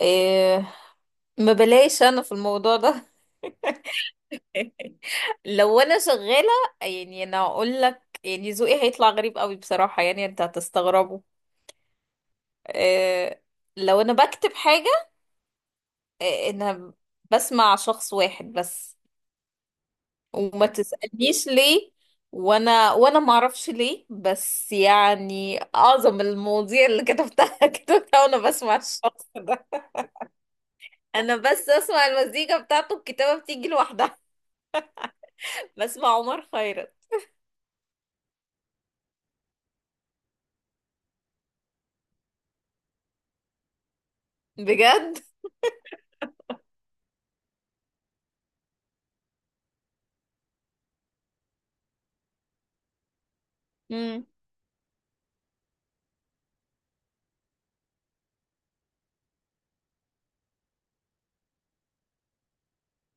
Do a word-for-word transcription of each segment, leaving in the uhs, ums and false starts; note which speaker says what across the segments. Speaker 1: إيه. ما بلاش انا في الموضوع ده. لو انا شغالة، يعني انا اقول لك، يعني ذوقي هيطلع غريب قوي بصراحة، يعني انت هتستغربه. إيه. لو انا بكتب حاجة، إيه، انا بسمع شخص واحد بس، وما تسألنيش ليه، وانا وانا ما اعرفش ليه، بس يعني اعظم المواضيع اللي كتبتها كتبتها وانا بسمع الشخص ده. انا بس اسمع المزيكا بتاعته، الكتابة بتيجي لوحدها. بسمع عمر خيرت. بجد. امم.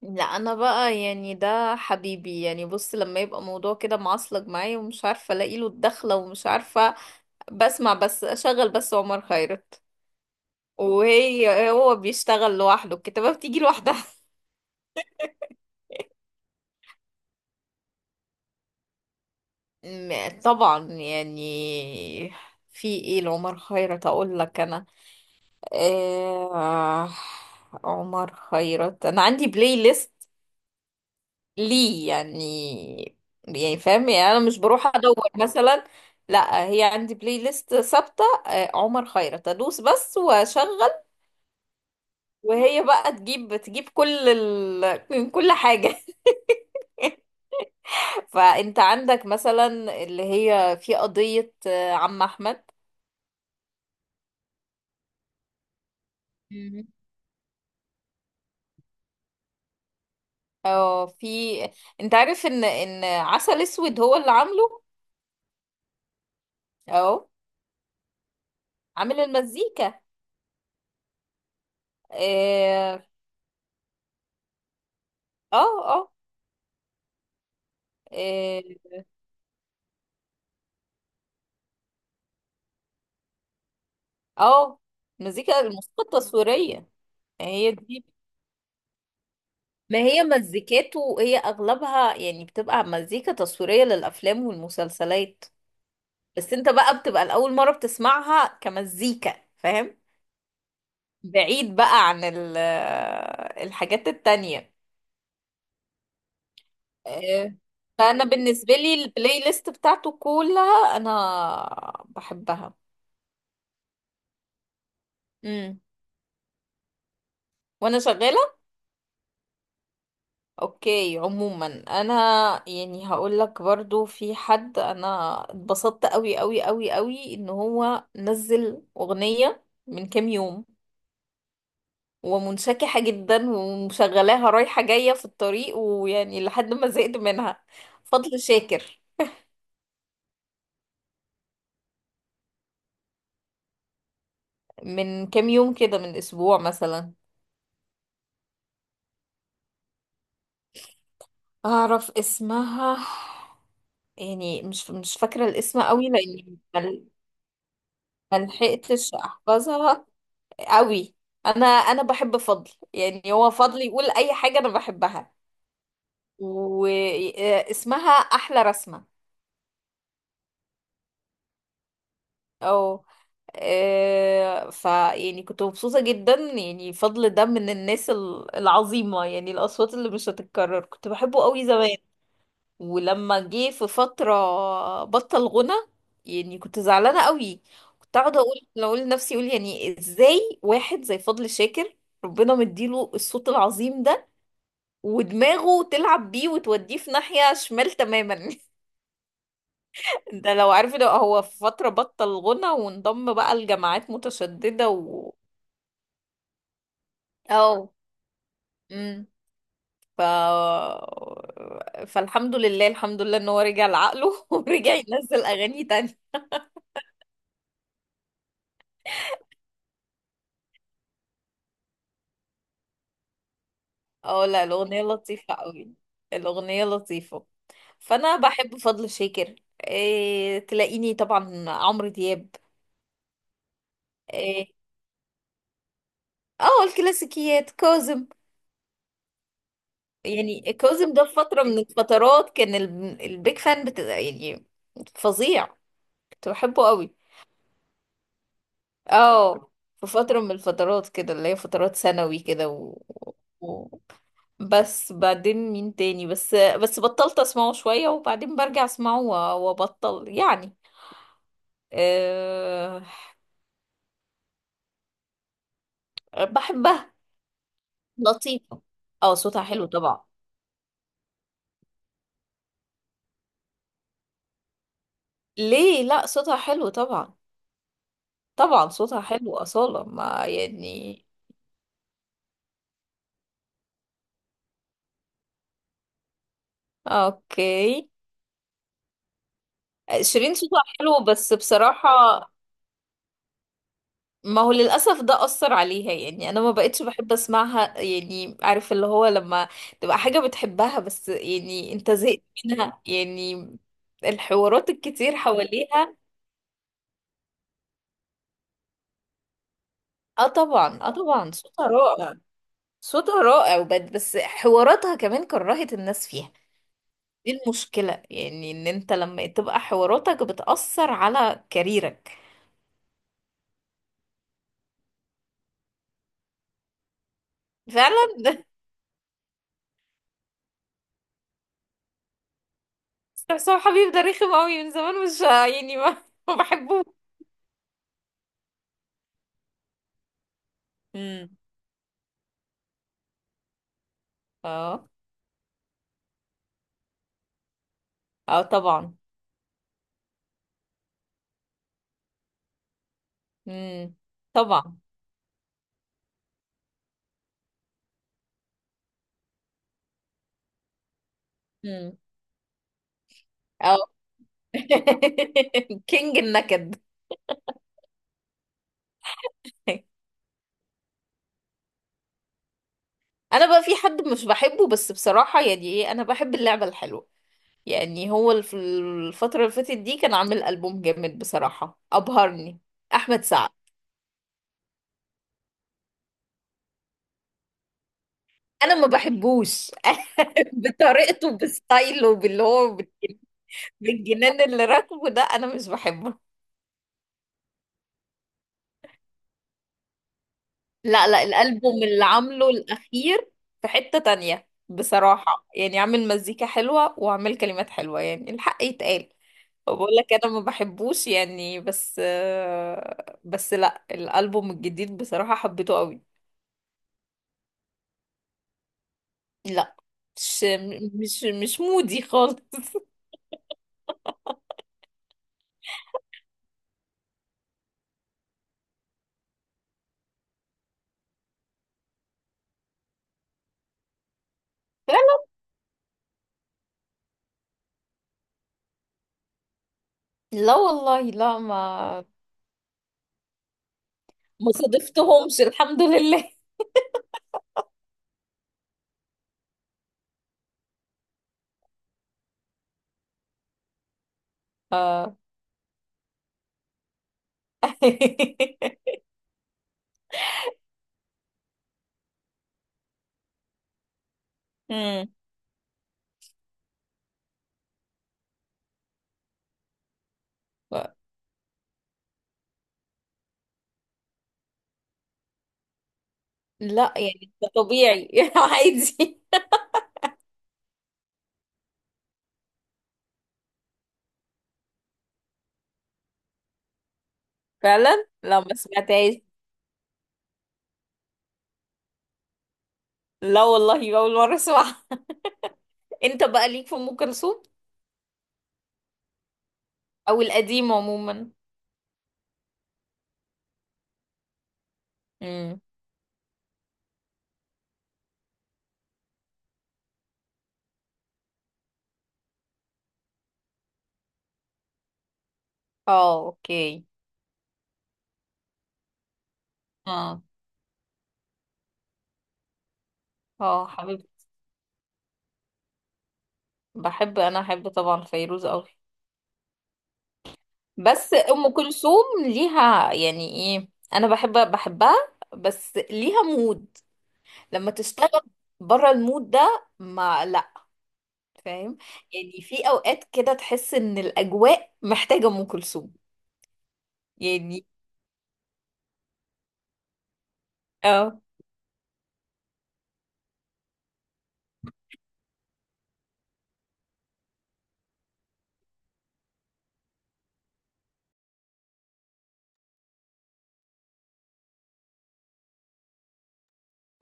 Speaker 1: لا انا بقى يعني ده حبيبي، يعني بص لما يبقى موضوع كده معصلج معايا ومش عارفه الاقي له الدخله ومش عارفه، بسمع بس، اشغل بس عمر خيرت. وهي هو بيشتغل لوحده، الكتابه بتيجي لوحدها. م- طبعا يعني. في ايه لعمر خيرت اقول لك انا؟ آه. عمر خيرت انا عندي بلاي ليست. ليه يعني؟ يعني فاهم، يعني انا مش بروح ادور مثلا. لا، هي عندي بلاي ليست ثابته، آه، عمر خيرت، ادوس بس واشغل. وهي بقى تجيب تجيب كل ال... من كل حاجه. فانت عندك مثلا، اللي هي في قضيه، آه، عم احمد. مم. اه، في. انت عارف ان ان عسل اسود هو اللي عامله. اه. عامل المزيكا. اه. اه. اه. آه. اه. مزيكا، الموسيقى التصويرية. هي دي. ما هي مزيكاته، هي اغلبها يعني بتبقى مزيكا تصويرية للافلام والمسلسلات. بس انت بقى بتبقى الاول مرة بتسمعها كمزيكا، فاهم. بعيد بقى عن ال- الحاجات التانية. آه، فانا بالنسبة لي البلاي ليست بتاعته كلها انا بحبها. امم. وانا شغالة. اوكي عموما. انا، يعني هقول لك برضو في حد انا اتبسطت قوي قوي قوي قوي ان هو نزل اغنية من كام يوم، ومنشكحة جدا ومشغلاها رايحة جاية في الطريق، ويعني لحد ما زهقت منها. فضل شاكر. من كام يوم كده، من اسبوع مثلا. اعرف اسمها، يعني مش مش فاكرة الاسم قوي لاني مل- ملحقتش احفظها قوي. انا انا بحب فضل، يعني هو فضل يقول اي حاجه انا بحبها. واسمها احلى رسمه. او. آه، ف يعني كنت مبسوطه جدا، يعني فضل ده من الناس ال- العظيمه، يعني الاصوات اللي مش هتتكرر، كنت بحبه قوي زمان. ولما جه في فتره بطل غنى، يعني كنت زعلانه قوي. كنت اقعد اقول اقول لنفسي، اقول يعني ازاي واحد زي فضل شاكر ربنا مديله الصوت العظيم ده، ودماغه تلعب بيه وتوديه في ناحية شمال تماما. ده لو عارف، ده هو في فترة بطل غنى وانضم بقى لجماعات متشددة، و اه. امم. ف فالحمد لله الحمد لله ان هو رجع لعقله، ورجع ينزل اغاني تانية. اه لا، الاغنية لطيفة قوي. الاغنية لطيفة. فانا بحب فضل شاكر. إيه... تلاقيني طبعا عمرو دياب. إيه... اه الكلاسيكيات. كاظم. يعني كاظم ده في فترة من الفترات كان ال- البيك فان بتبقى يعني فظيع، كنت بحبه قوي. اه في فترة من الفترات كده، اللي هي فترات ثانوي كده، و... و... بس بعدين مين تاني، بس بس بطلت اسمعه شوية، وبعدين برجع اسمعه و- وابطل يعني. أه... بحبها، لطيفة. اه صوتها حلو طبعا. ليه، لا صوتها حلو طبعا. طبعا صوتها حلو أصالة، ما يعني. اوكي. شيرين صوتها حلو بس بصراحة، ما هو للأسف ده أثر عليها، يعني أنا ما بقتش بحب أسمعها. يعني عارف اللي هو لما تبقى حاجة بتحبها بس يعني أنت زهقت منها، يعني الحوارات الكتير حواليها. اه طبعا، اه طبعا، صوتها رائع. صوتها رائع، وبد- بس حواراتها كمان كرهت الناس فيها. دي المشكلة، يعني إن أنت لما تبقى حواراتك بتأثر على كاريرك. فعلا. بس هو حبيب ده رخم قوي من زمان، مش يعني ما, ما بحبوش. امم. اه. اه طبعا. امم. طبعا. امم. اه. كينج النكد. انا بقى في حد مش بحبه بس بصراحة يعني ايه، انا بحب اللعبة الحلوة، يعني هو الف- الفترة اللي فاتت دي كان عامل ألبوم جامد بصراحة، أبهرني. أحمد سعد. أنا ما بحبوش. بطريقته، بستايله، باللي هو بال- بالجنان اللي راكبه ده، أنا مش بحبه. لا لا، الألبوم اللي عامله الأخير في حتة تانية بصراحة، يعني عامل مزيكا حلوة وعامل كلمات حلوة، يعني الحق يتقال. بقول لك أنا ما بحبوش يعني، بس بس لا الألبوم الجديد بصراحة حبيته قوي. لا مش مش مش مودي خالص. لا والله، لا، ما ما صادفتهمش الحمد لله. آه. مم. لا يعني ده طبيعي. عادي. فعلا لا ما سمعتهاش. لا والله اول مره اسمعها. انت بقى ليك في ام كلثوم او القديم عموما؟ امم. اه. اوكي. اه اه، حبيبتي. بحب انا احب طبعا فيروز قوي. بس ام كلثوم ليها، يعني ايه، انا بحب بحبها. بس ليها مود لما تشتغل، بره المود ده ما لا. فاهم. يعني في اوقات كده تحس ان الاجواء محتاجه ام كلثوم. يعني اه،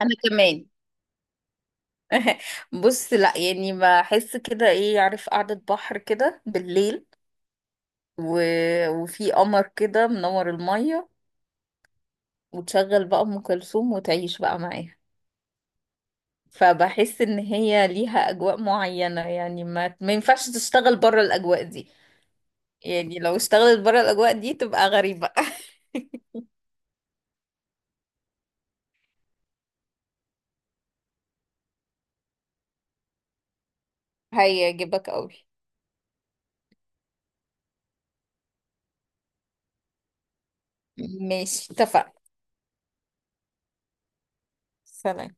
Speaker 1: انا كمان. بص لا، يعني بحس كده ايه، عارف قعدة بحر كده بالليل، و... وفي قمر كده منور المية، وتشغل بقى أم كلثوم وتعيش بقى معاها. فبحس ان هي ليها اجواء معينة، يعني ما ما ينفعش تشتغل بره الاجواء دي. يعني لو اشتغلت بره الاجواء دي تبقى غريبة. هيعجبك قوي. ماشي اتفقنا. سلام.